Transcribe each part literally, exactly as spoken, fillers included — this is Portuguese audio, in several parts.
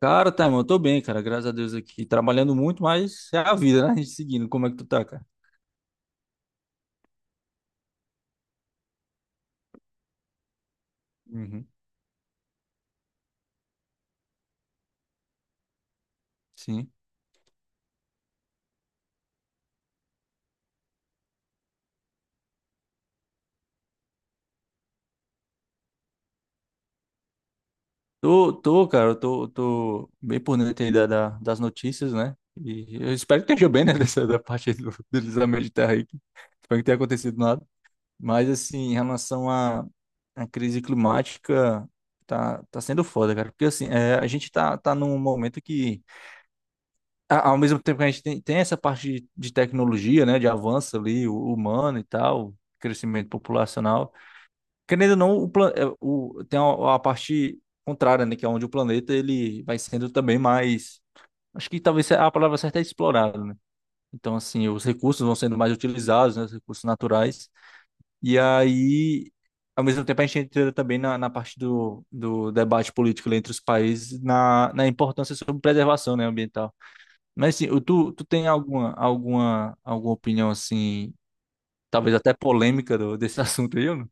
Cara, tá, irmão, eu tô bem, cara, graças a Deus aqui. Trabalhando muito, mas é a vida, né? A gente seguindo. Como é que tu tá, cara? Uhum. Sim. Tô, tô, cara, eu tô, tô bem por dentro aí da, da- das notícias, né? E eu espero que esteja bem, né? Dessa da parte aí do, do deslizamento de terra aí. Que Espero que tenha acontecido nada. Mas, assim, em relação à à crise climática, tá, tá sendo foda, cara. Porque, assim, é, a gente tá, tá num momento que. A- ao mesmo tempo que a gente tem, tem essa parte de, de tecnologia, né, de avanço ali, o- humano e tal, crescimento populacional, querendo ou não, o, plan- é, o- tem a, a parte contrária, né, que é onde o planeta ele vai sendo também mais, acho que talvez a palavra certa é explorado, né? Então, assim, os recursos vão sendo mais utilizados, né, os recursos naturais, e aí, ao mesmo tempo, a gente entra também na, na parte do, do debate político ali entre os países, na, na importância sobre preservação, né, ambiental. Mas assim, o- tu, tu tem alguma, alguma, alguma opinião assim, talvez até polêmica do- desse assunto aí, ou não?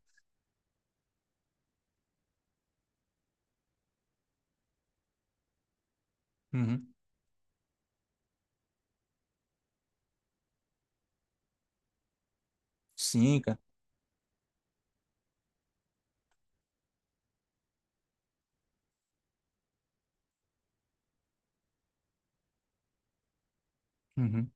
Uhum. Sim, cara. Uhum.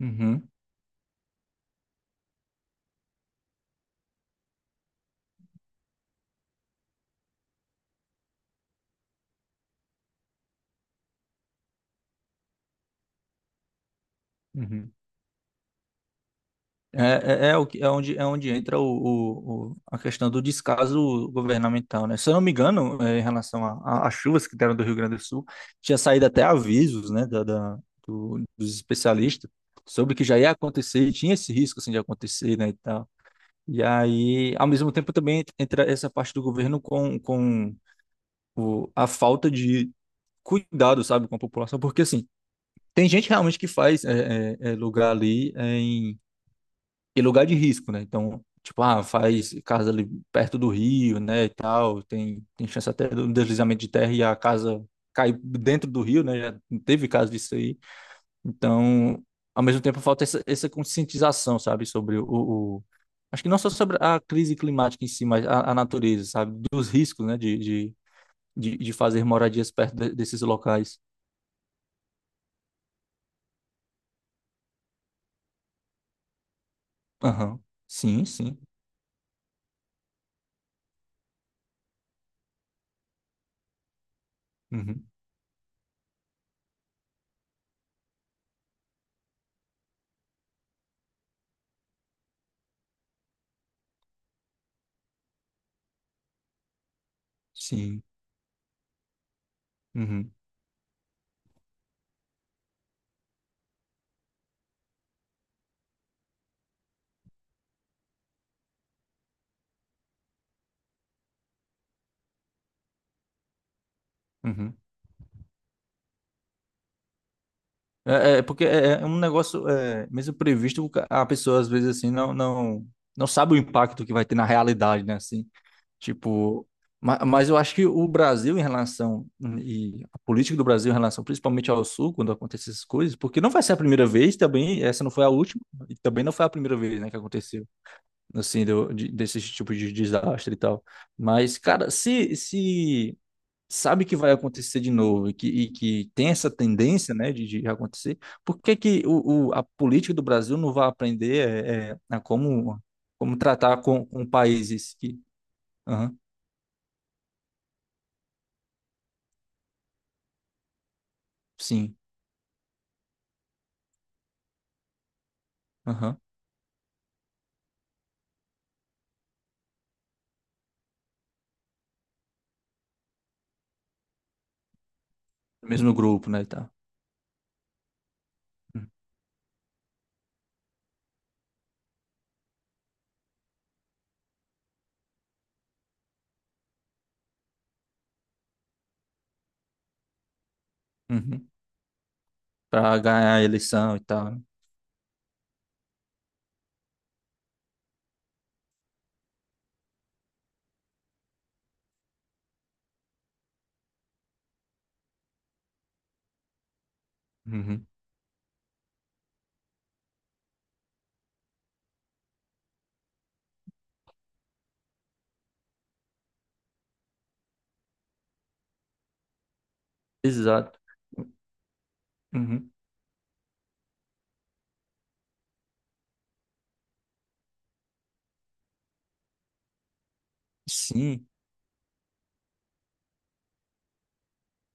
Uhum. Uhum. É, é, é, o que- é onde, é onde entra o, o, o- a questão do descaso governamental, né? Se eu não me engano, é, em relação a- a- às chuvas que deram do Rio Grande do Sul, tinha saído até avisos, né, da, da- do- dos especialistas sobre que já ia acontecer, e tinha esse risco assim, de acontecer, né. E aí, ao mesmo tempo, também ent- entra essa parte do governo com, com o, a falta de cuidado, sabe, com a população, porque assim, tem gente realmente que faz é, é, é, lugar ali em, em lugar de risco, né? Então, tipo, ah, faz casa ali perto do rio, né, e tal, tem, tem chance até do deslizamento de terra e a casa cai dentro do rio, né? Já teve caso disso aí. Então, ao mesmo tempo, falta essa, essa conscientização, sabe. sobre o, o- Acho que não só sobre a crise climática em si, mas a, a natureza, sabe, dos riscos, né, de, de, de, de fazer moradias perto de- desses locais. Aham. Sim, sim. Uhum. Sim. Uhum. Uhum. É, é é porque é é um negócio, é, mesmo previsto, o ca- a pessoa às vezes assim não, não, não sabe o impacto que vai ter na realidade, né, assim. Tipo, ma- mas eu acho que o Brasil em relação, e a política do Brasil em relação principalmente ao Sul, quando acontecem essas coisas, porque não vai ser a primeira vez também, essa não foi a última, e também não foi a primeira vez, né, que aconteceu, assim, do, de- desse tipo de desastre e tal. Mas, cara, se, se sabe que vai acontecer de novo e que, e que tem essa tendência, né, de, de acontecer, por que que o, o- a política do Brasil não vai aprender é, é, a como, como tratar com, com países que... Aham, sim. Aham. Mesmo grupo, né, e tal. Uhum. Uhum. Pra ganhar a eleição e tal, né? Uhum. Exato. Uhum. Sim.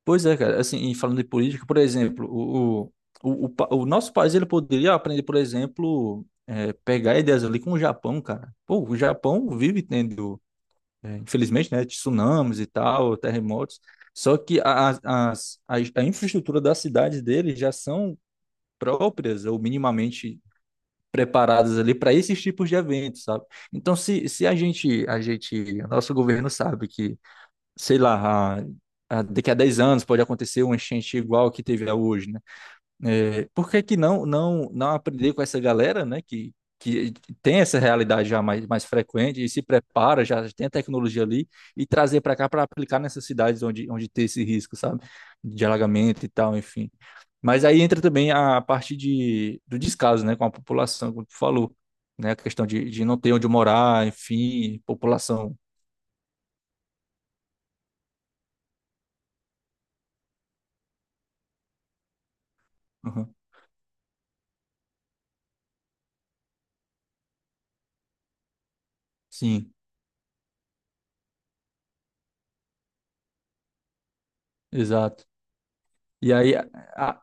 Pois é, cara. Assim, e falando de política, por exemplo, o, o, o, o pa- o nosso país ele poderia aprender, por exemplo, é, pegar ideias ali com o Japão, cara. Pô, o Japão vive tendo, é, infelizmente, né, tsunamis e tal, terremotos. Só que a, as, as- a, a infraestrutura das cidades deles já são próprias ou minimamente preparadas ali para esses tipos de eventos, sabe? Então, se, se a gente, a gente, o nosso governo sabe que, sei lá, a- a- daqui a dez anos pode acontecer uma enchente igual a que teve a hoje, né? É, por que que não, não, não aprender com essa galera, né, que, que tem essa realidade já mais, mais frequente e se prepara, já tem a tecnologia ali, e trazer para cá para aplicar nessas cidades onde, onde tem esse risco, sabe, de alagamento e tal, enfim. Mas aí entra também a parte de, do descaso, né, com a população, como tu falou, né, a questão de, de não ter onde morar, enfim, população. Uhum. Sim, exato. E aí, a-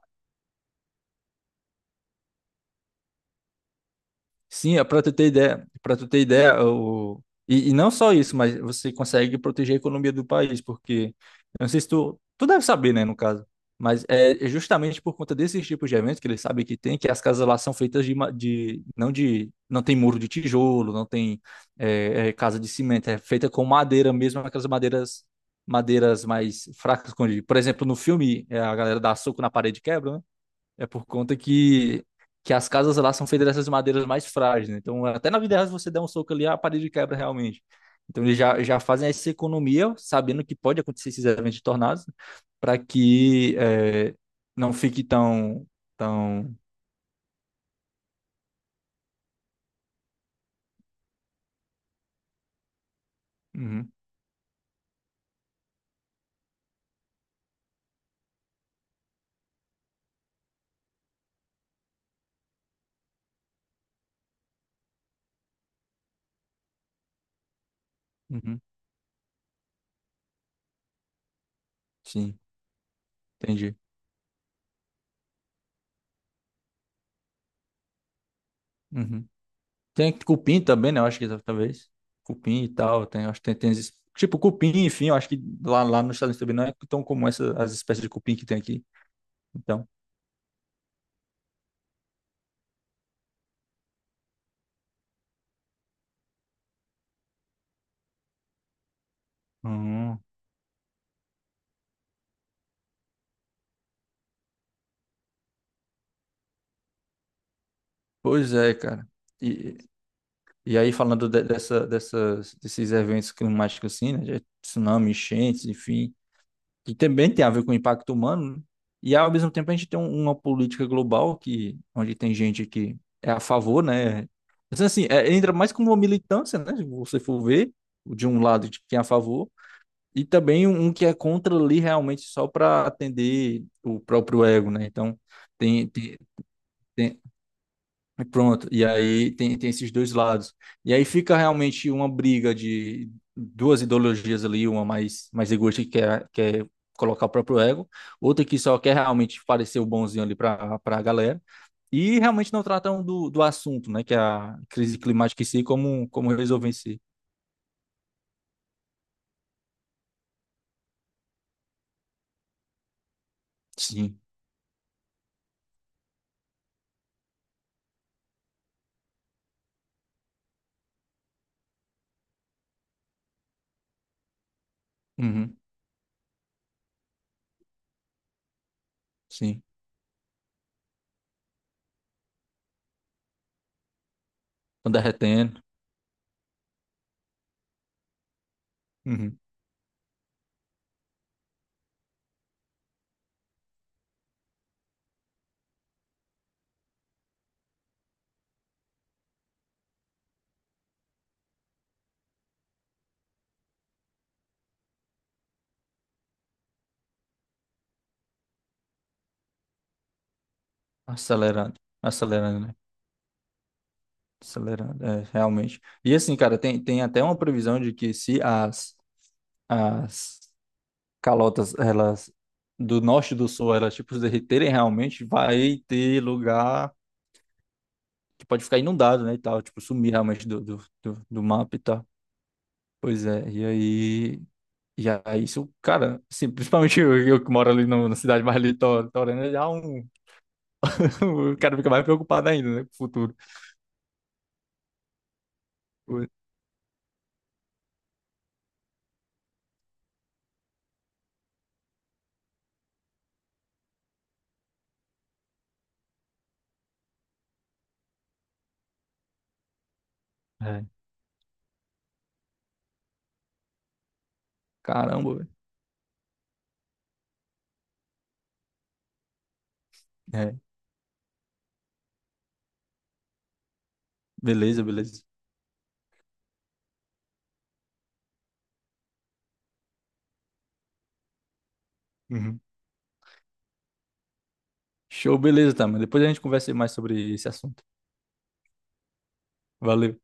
sim, é para tu ter ideia, para tu ter ideia, o... E, e não só isso, mas você consegue proteger a economia do país, porque eu não sei se tu, tu deve saber, né, no caso, mas é é justamente por conta desses tipos de eventos que eles sabem que tem, que as casas lá são feitas de, ma- de não de, não tem muro de tijolo, não tem é, é, casa de cimento, é feita com madeira mesmo, aquelas madeiras madeiras mais fracas, como, eu digo. Por exemplo, no filme é, a galera dá soco na parede e quebra, né? É por conta que, que as casas lá são feitas dessas madeiras mais frágeis, né? Então, até na vida real, se você der um soco ali, a parede quebra realmente. Então, eles já, já fazem essa economia, sabendo que pode acontecer esses eventos de tornados, para que eh, não fique tão, tão... Uhum, uhum, sim, entendi. Uhum. Tem cupim também, né? Eu acho que talvez. Cupim e tal, tem, acho que tem, tem esses- tipo, cupim, enfim, eu acho que lá, lá nos Estados Unidos também não é tão comum essa, as espécies de cupim que tem aqui. Então... Hum. Pois é, cara. E, e aí, falando de- dessa, dessas, desses eventos climáticos, assim, né, de tsunami, enchentes, enfim, que também tem a ver com o impacto humano, né? E ao mesmo tempo a gente tem um- uma política global que, onde tem gente que é a favor, né? Mas, assim, é, entra mais como uma militância, né? Se você for ver, de um lado de quem é a favor, e também um um que é contra ali realmente só para atender o próprio ego, né? Então, tem, tem, tem e pronto. E aí tem, tem esses dois lados. E aí fica realmente uma briga de duas ideologias ali, uma mais, mais egoísta que quer, quer colocar o próprio ego, outra que só quer realmente parecer o bonzinho ali para a galera. E realmente não tratam do, do assunto, né? Que é a crise climática em si, como, como resolver em si. Sim. Uhum. Sim. Estão derretendo. Uhum. Acelerando. Acelerando, né? Acelerando, é, realmente. E assim, cara, tem, tem até uma previsão de que se as, as calotas, elas do norte e do sul, elas tipo se derreterem realmente, vai ter lugar que pode ficar inundado, né, e tal, tipo sumir realmente do, do, do, do mapa e tal. Pois é, e aí, e aí isso, cara, assim, principalmente eu, eu que moro ali no- na cidade mais litor- litorânea, já um, o cara fica mais preocupado ainda, né, com o futuro. Pois- É. Caramba, velho. É, beleza, beleza. Uhum. Show, beleza, tá, mas depois a gente conversa mais sobre esse assunto. Valeu.